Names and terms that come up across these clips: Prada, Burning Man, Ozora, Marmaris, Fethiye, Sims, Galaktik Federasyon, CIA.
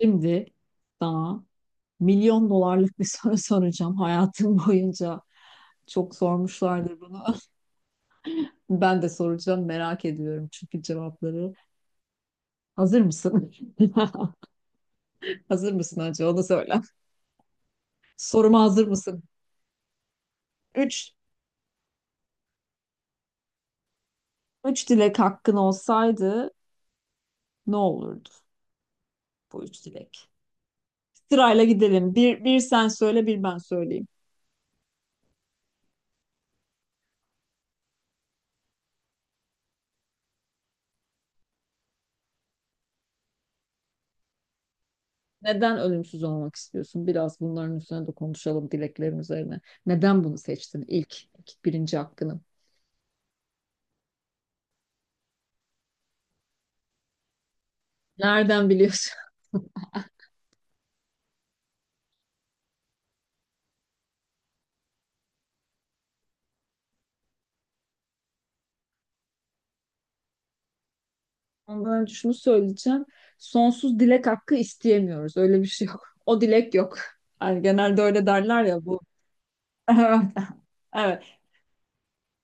Şimdi sana milyon dolarlık bir soru soracağım. Hayatım boyunca çok sormuşlardır bunu. Ben de soracağım merak ediyorum çünkü cevapları. Hazır mısın? Hazır mısın acaba? Onu söyle. Soruma hazır mısın? Üç, üç dilek hakkın olsaydı ne olurdu bu üç dilek? Sırayla gidelim. Bir sen söyle, bir ben söyleyeyim. Neden ölümsüz olmak istiyorsun? Biraz bunların üzerine de konuşalım dileklerin üzerine. Neden bunu seçtin ilk birinci hakkını? Nereden biliyorsun? Ondan önce şunu söyleyeceğim. Sonsuz dilek hakkı isteyemiyoruz. Öyle bir şey yok. O dilek yok. Yani genelde öyle derler ya bu. Evet. Evet.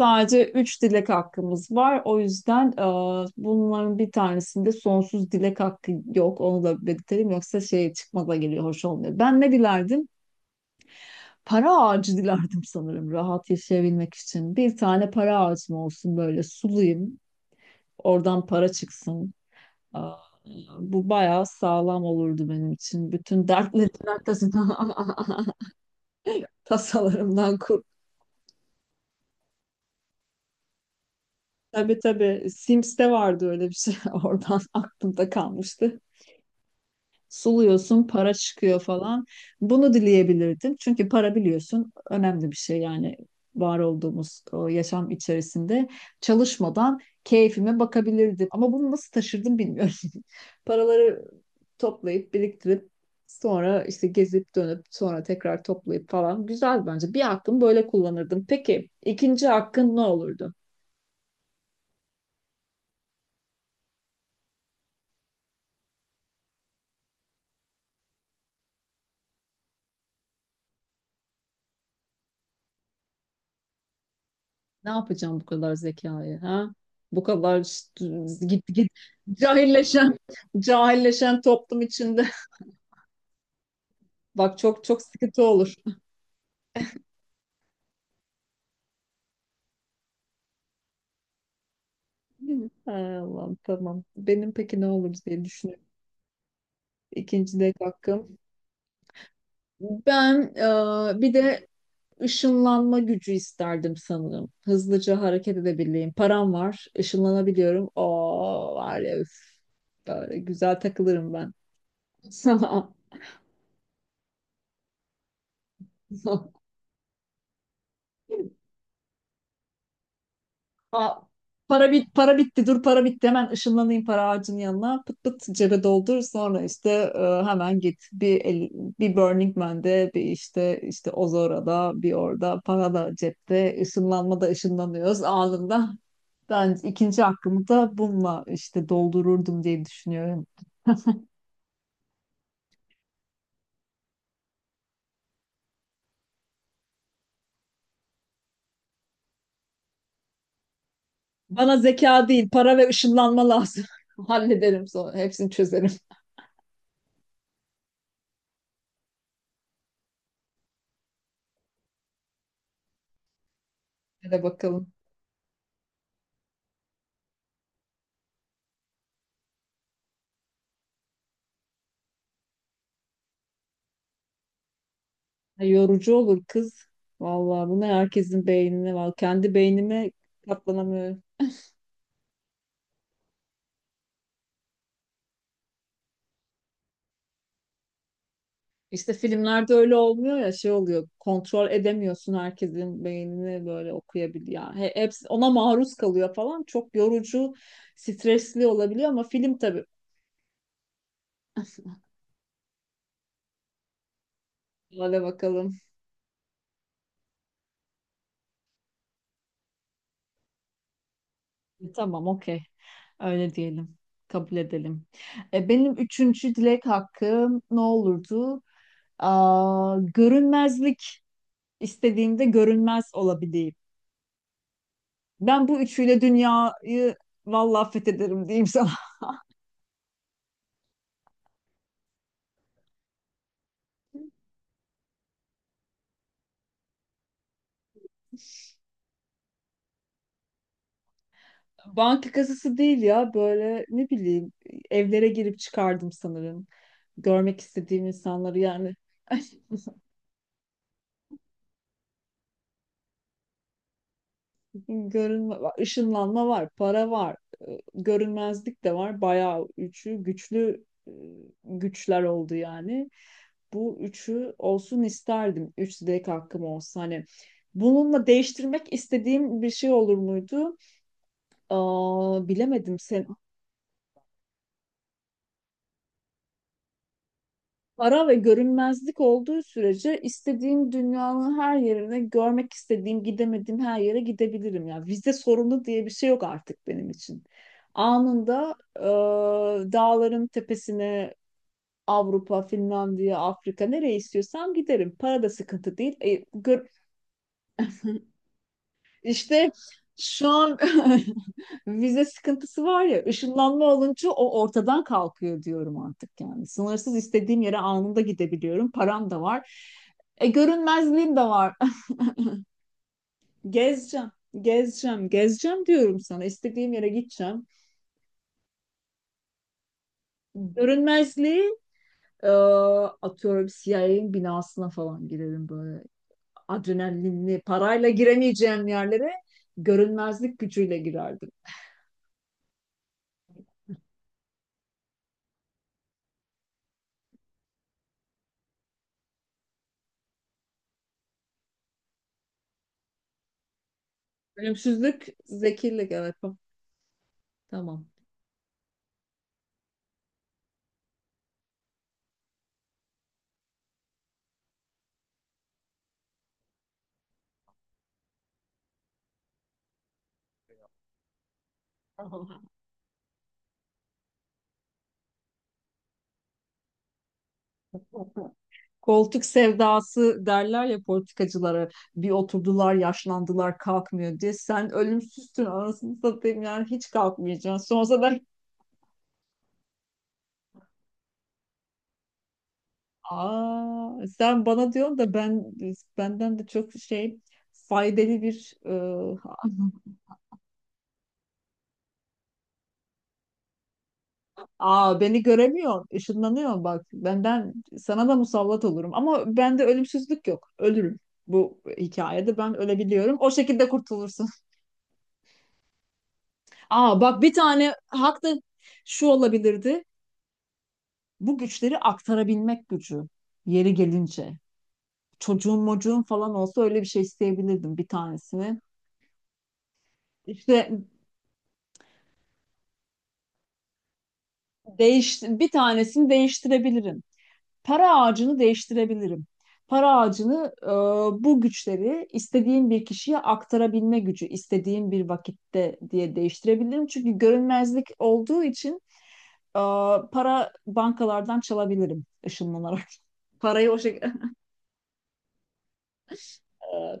Sadece üç dilek hakkımız var. O yüzden bunların bir tanesinde sonsuz dilek hakkı yok. Onu da belirtelim. Yoksa şey çıkmaza geliyor. Hoş olmuyor. Ben ne dilerdim? Para ağacı dilerdim sanırım rahat yaşayabilmek için. Bir tane para ağacım olsun böyle sulayım. Oradan para çıksın. Aa, bu bayağı sağlam olurdu benim için. Bütün dertlerin arkasından tasalarımdan kur. Tabii tabii. Sims'te vardı öyle bir şey. Oradan aklımda kalmıştı. Suluyorsun, para çıkıyor falan. Bunu dileyebilirdim. Çünkü para biliyorsun önemli bir şey yani var olduğumuz o yaşam içerisinde çalışmadan keyfime bakabilirdim. Ama bunu nasıl taşırdım bilmiyorum. Paraları toplayıp biriktirip sonra işte gezip dönüp sonra tekrar toplayıp falan güzel bence. Bir hakkımı böyle kullanırdım. Peki ikinci hakkın ne olurdu? Ne yapacağım bu kadar zekayı ha? Bu kadar git git cahilleşen cahilleşen toplum içinde. Bak çok çok sıkıntı olur. Değil mi? Hay Allah'ım tamam. Benim peki ne olur diye düşünüyorum. İkinci de hakkım. Ben bir de ışınlanma gücü isterdim sanırım. Hızlıca hareket edebileyim. Param var, ışınlanabiliyorum. Oo var ya üf. Böyle güzel takılırım ben. Aa, para bitti dur para bitti hemen ışınlanayım para ağacının yanına pıt pıt cebe doldur sonra işte e, hemen git bir Burning Man'de bir işte Ozora'da bir orada para da cepte ışınlanma da ışınlanıyoruz anında ben ikinci hakkımı da bununla işte doldururdum diye düşünüyorum. Bana zeka değil para ve ışınlanma lazım hallederim sonra hepsini çözerim hele bakalım. Yorucu olur kız. Vallahi bunu herkesin beynine var. Kendi beynime katlanamıyorum. İşte filmlerde öyle olmuyor ya şey oluyor. Kontrol edemiyorsun herkesin beynini böyle okuyabiliyor. Yani hepsi ona maruz kalıyor falan. Çok yorucu, stresli olabiliyor ama film tabii. Hadi bakalım. Tamam, okey. Öyle diyelim. Kabul edelim. Benim üçüncü dilek hakkım ne olurdu? Aa, görünmezlik istediğimde görünmez olabileyim. Ben bu üçüyle dünyayı vallahi fethederim diyeyim sana. Banka kasası değil ya böyle ne bileyim evlere girip çıkardım sanırım. Görmek istediğim insanları yani. Görünme, ışınlanma var, para var, görünmezlik de var. Bayağı üçü güçlü güçler oldu yani. Bu üçü olsun isterdim. Üç dilek hakkım olsa hani. Bununla değiştirmek istediğim bir şey olur muydu? Aa, bilemedim. Sen, Para ve görünmezlik olduğu sürece istediğim dünyanın her yerine, görmek istediğim, gidemediğim her yere gidebilirim. Yani vize sorunu diye bir şey yok artık benim için. Anında dağların tepesine Avrupa, Finlandiya, Afrika nereye istiyorsam giderim. Para da sıkıntı değil. E, gör- işte şu an vize sıkıntısı var ya, ışınlanma olunca o ortadan kalkıyor diyorum artık yani. Sınırsız istediğim yere anında gidebiliyorum. Param da var. Görünmezliğim de var. Gezeceğim, gezeceğim, gezeceğim diyorum sana. İstediğim yere gideceğim. Görünmezliği e, atıyorum CIA'nin binasına falan girerim böyle. Adrenalinli, parayla giremeyeceğim yerlere görünmezlik gücüyle girerdim. Ölümsüzlük zekirlik evet. O. Tamam. Koltuk sevdası derler ya politikacılara bir oturdular yaşlandılar kalkmıyor diye. Sen ölümsüzsün anasını satayım yani hiç kalkmayacaksın. Sonsuza ben aa sen bana diyorsun da benden de çok şey faydalı bir Aa beni göremiyorsun. Işınlanıyorsun bak. Benden sana da musallat olurum. Ama bende ölümsüzlük yok. Ölürüm. Bu hikayede ben ölebiliyorum. O şekilde kurtulursun. Aa bak bir tane hak da şu olabilirdi. Bu güçleri aktarabilmek gücü. Yeri gelince. Çocuğun mocuğun falan olsa öyle bir şey isteyebilirdim bir tanesini. İşte bir tanesini değiştirebilirim. Para ağacını değiştirebilirim. Para ağacını bu güçleri istediğim bir kişiye aktarabilme gücü, istediğim bir vakitte diye değiştirebilirim. Çünkü görünmezlik olduğu için e, para bankalardan çalabilirim ışınlanarak. Parayı o şekilde e,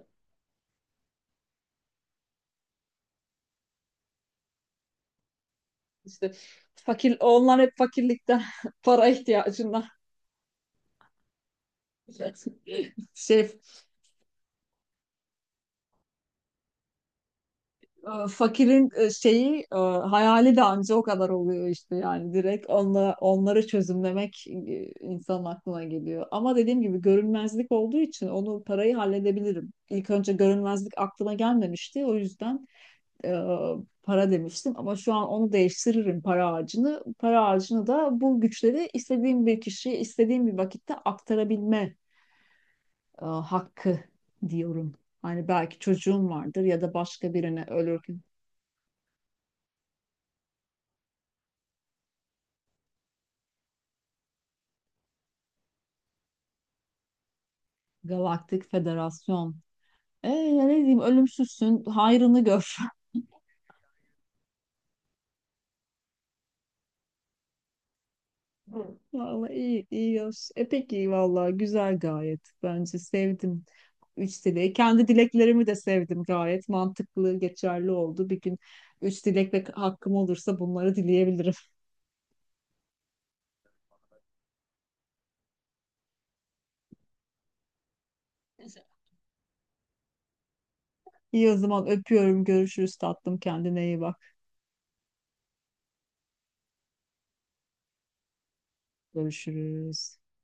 işte fakir onlar hep fakirlikten para ihtiyacından şey fakirin şeyi hayali de anca o kadar oluyor işte yani direkt onları çözümlemek insanın aklına geliyor. Ama dediğim gibi görünmezlik olduğu için onu parayı halledebilirim. İlk önce görünmezlik aklıma gelmemişti o yüzden e, para demiştim ama şu an onu değiştiririm para ağacını. Para ağacını da bu güçleri istediğim bir kişiye istediğim bir vakitte aktarabilme hakkı diyorum. Hani belki çocuğum vardır ya da başka birine ölür. Galaktik Federasyon. E ya ne diyeyim ölümsüzsün hayrını gör. Hı. Vallahi iyi, iyi yaş. Peki vallahi güzel gayet. Bence sevdim. Üç dileği. Kendi dileklerimi de sevdim gayet. Mantıklı, geçerli oldu. Bir gün üç dilek ve hakkım olursa bunları dileyebilirim. İyi o zaman öpüyorum. Görüşürüz tatlım. Kendine iyi bak. Görüşürüz.